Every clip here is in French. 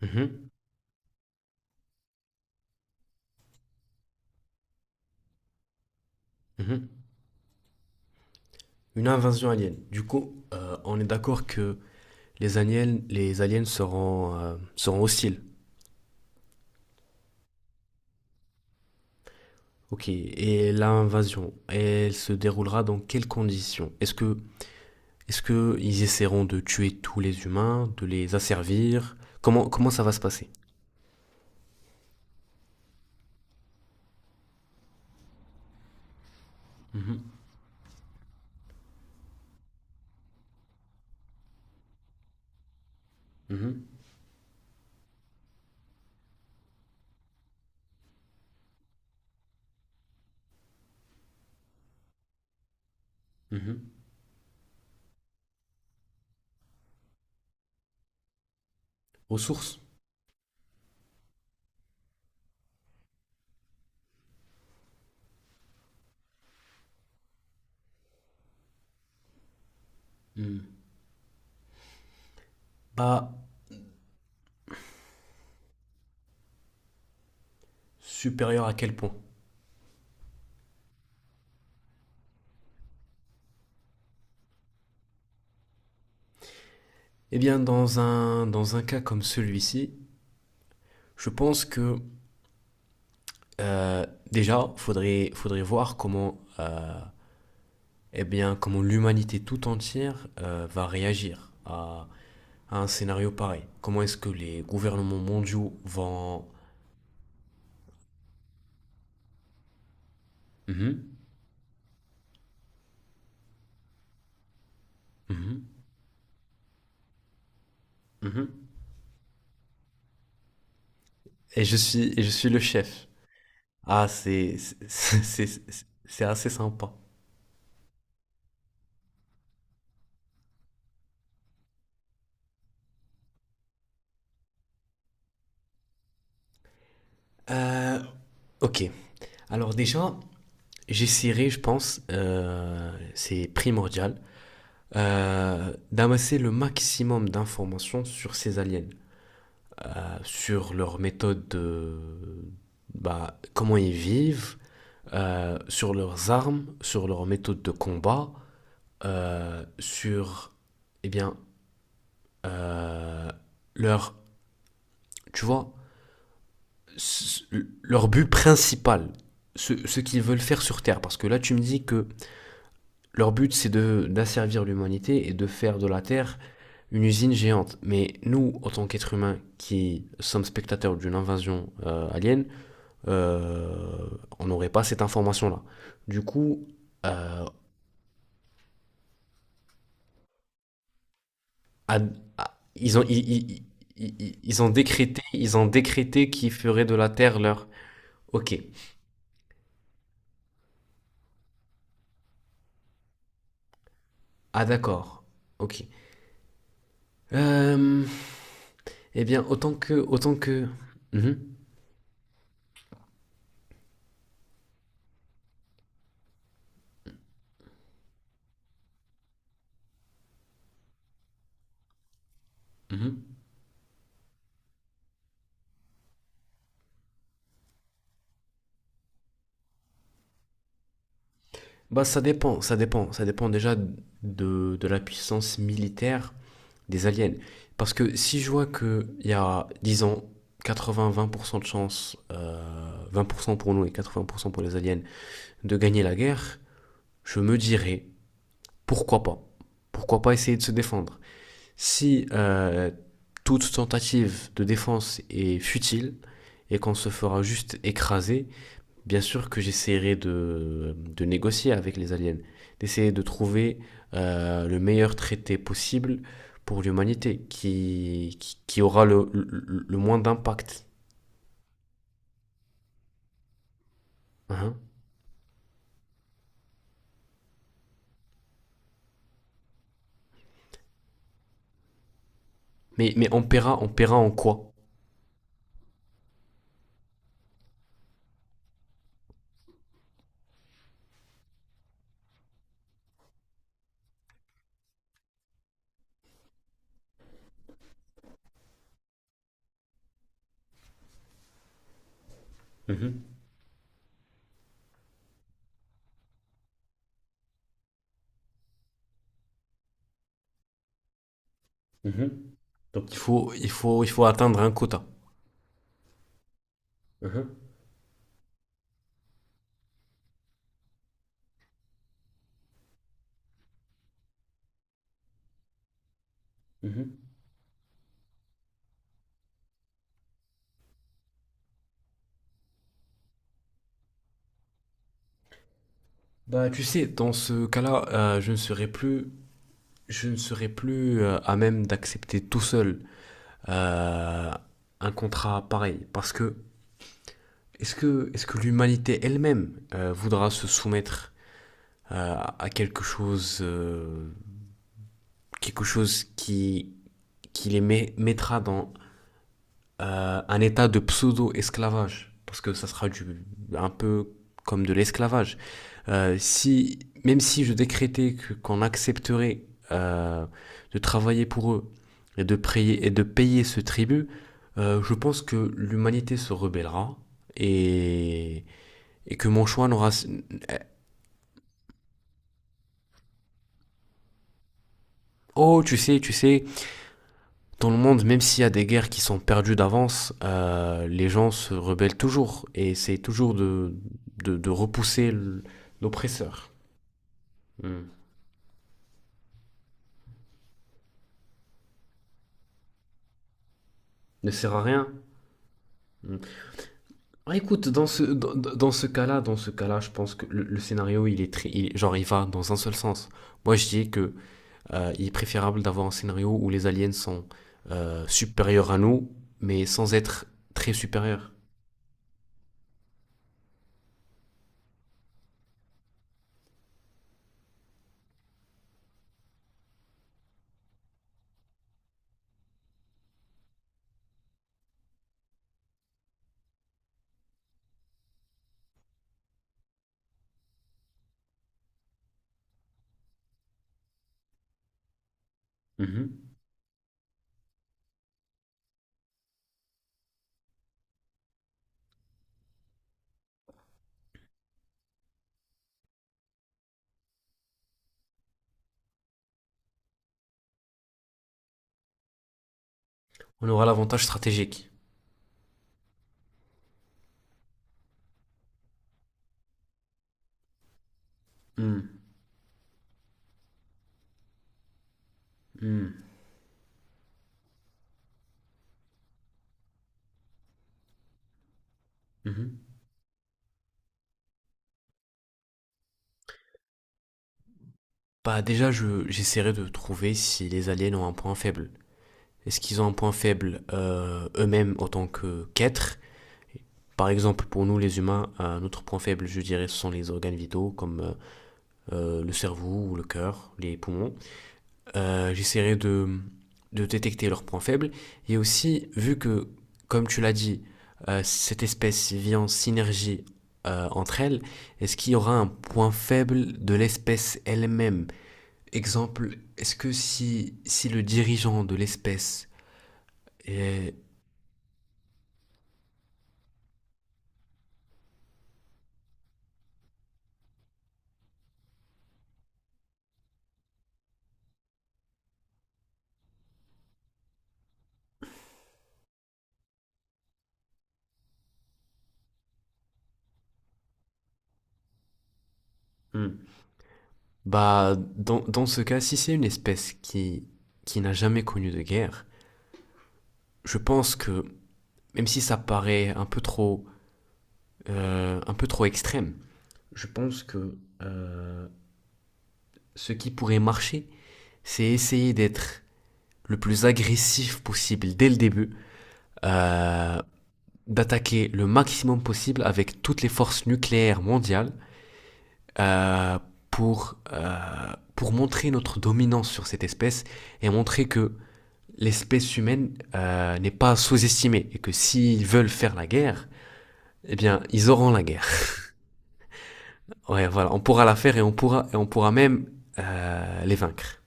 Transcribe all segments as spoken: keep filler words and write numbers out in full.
Mhm, mhm. Une invasion alien. Du coup, euh, on est d'accord que les aliens, les aliens seront, euh, seront hostiles. Ok. Et l'invasion, elle se déroulera dans quelles conditions? Est-ce que, est-ce que ils essaieront de tuer tous les humains, de les asservir? Comment, comment ça va se passer? Mhm, mhm, mhm. Aux sources? Hmm. Pas supérieur à quel point? Eh bien, dans un, dans un cas comme celui-ci, je pense que euh, déjà, faudrait, faudrait voir comment, euh, eh bien, comment l'humanité tout entière euh, va réagir à, à un scénario pareil. Comment est-ce que les gouvernements mondiaux vont... Mhm, mhm, mhm. Et je suis, et je suis le chef. Ah, c'est, c'est, c'est- c'est c'est assez sympa. Euh, ok. Alors déjà, j'essaierai, je pense, euh, c'est primordial, euh, d'amasser le maximum d'informations sur ces aliens, euh, sur leur méthode de... Bah, comment ils vivent, euh, sur leurs armes, sur leur méthode de combat, euh, sur... Eh bien, euh, leur... Tu vois, leur but principal, ce, ce qu'ils veulent faire sur Terre. Parce que là, tu me dis que leur but, c'est de d'asservir l'humanité et de faire de la Terre une usine géante. Mais nous, en tant qu'êtres humains qui sommes spectateurs d'une invasion euh, alien, euh, on n'aurait pas cette information-là. Du coup, euh, à, à, ils ont, ils, ils, ils, ont décrété, ils ont décrété qu'ils feraient de la terre leur. Ok. Ah d'accord. Ok. Euh, eh bien, autant que, autant que. Mhm. Mhm. Bah, ça dépend, ça dépend, ça dépend déjà de, de la puissance militaire des aliens. Parce que si je vois qu'il y a, disons, quatre-vingts vingt pour cent de chance, euh, vingt pour cent pour nous et quatre-vingts pour cent pour les aliens, de gagner la guerre, je me dirais, pourquoi pas Pourquoi pas essayer de se défendre. Si euh, toute tentative de défense est futile et qu'on se fera juste écraser, bien sûr que j'essaierai de, de négocier avec les aliens, d'essayer de trouver euh, le meilleur traité possible pour l'humanité, qui, qui, qui aura le, le, le moins d'impact. Hein. Mais, mais on paiera, on paiera en quoi? Mhm, mhm. Donc, il faut, il, faut, il faut atteindre un quota. Mhm, mhm. Bah, tu sais, dans ce cas-là, euh, je ne serai plus, je ne serai plus euh, à même d'accepter tout seul euh, un contrat pareil, parce que... Est-ce que, est-ce que l'humanité elle-même euh, voudra se soumettre euh, à quelque chose, euh, quelque chose qui, qui les met- mettra dans euh, un état de pseudo-esclavage? Parce que ça sera du, un peu comme de l'esclavage. Euh, si, Même si je décrétais que, qu'on accepterait euh, de travailler pour eux et de, prier, et de payer ce tribut, euh, je pense que l'humanité se rebellera et, et que mon choix n'aura... Oh, tu sais, tu sais, dans le monde, même s'il y a des guerres qui sont perdues d'avance, euh, les gens se rebellent toujours et c'est toujours de, de, de repousser l- l'oppresseur. Hmm. Ne sert à rien. Hmm. Ah, écoute, dans ce, dans, dans- ce cas-là, dans ce cas-là, je pense que le, le scénario, il est très, il- genre, il va dans un seul sens. Moi, je dis que euh, il est préférable d'avoir un scénario où les aliens sont euh, supérieurs à nous, mais sans être très supérieurs. Mhm. On aura l'avantage stratégique. Hmm. Hmm. Mhm. Bah déjà, je, j'essaierai de trouver si les aliens ont un point faible. Est-ce qu'ils ont un point faible euh, eux-mêmes en tant que qu'êtres? Par exemple, pour nous les humains, un autre point faible, je dirais, ce sont les organes vitaux comme euh, euh, le cerveau ou le cœur, les poumons. Euh, j'essaierai de, de détecter leurs points faibles. Et aussi, vu que, comme tu l'as dit, euh, cette espèce vit en synergie euh, entre elles, est-ce qu'il y aura un point faible de l'espèce elle-même? Exemple, est-ce que si, si le dirigeant de l'espèce est... Hmm. Bah, dans, dans ce cas, si c'est une espèce qui, qui n'a jamais connu de guerre, je pense que, même si ça paraît un peu trop, euh, un peu trop extrême, je pense que euh, ce qui pourrait marcher, c'est essayer d'être le plus agressif possible dès le début, euh, d'attaquer le maximum possible avec toutes les forces nucléaires mondiales, euh, pour, euh, pour montrer notre dominance sur cette espèce et montrer que l'espèce humaine euh, n'est pas sous-estimée et que s'ils veulent faire la guerre, eh bien, ils auront la guerre. Ouais, voilà, on pourra la faire et on pourra, et on pourra même euh, les vaincre.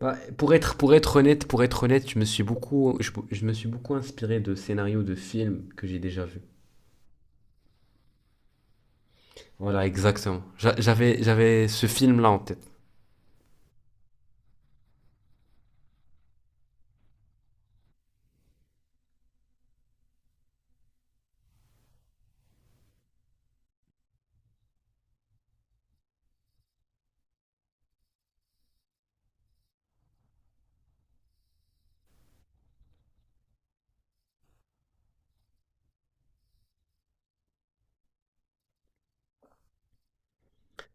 Bah, pour être, pour être honnête, pour être honnête, je me suis beaucoup, je, je me suis beaucoup inspiré de scénarios de films que j'ai déjà vus. Voilà, exactement. J'avais, j'avais ce film-là en tête.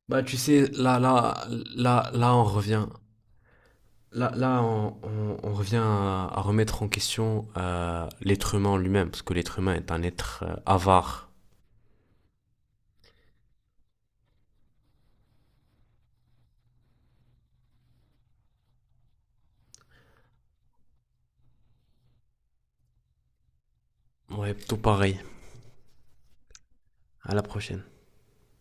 Bah, tu sais, là, là, là, là, on revient, Là, là on, on- on revient à, à remettre en question euh, l'être humain en lui-même, parce que l'être humain est un être euh, avare. Ouais, tout pareil. À la prochaine.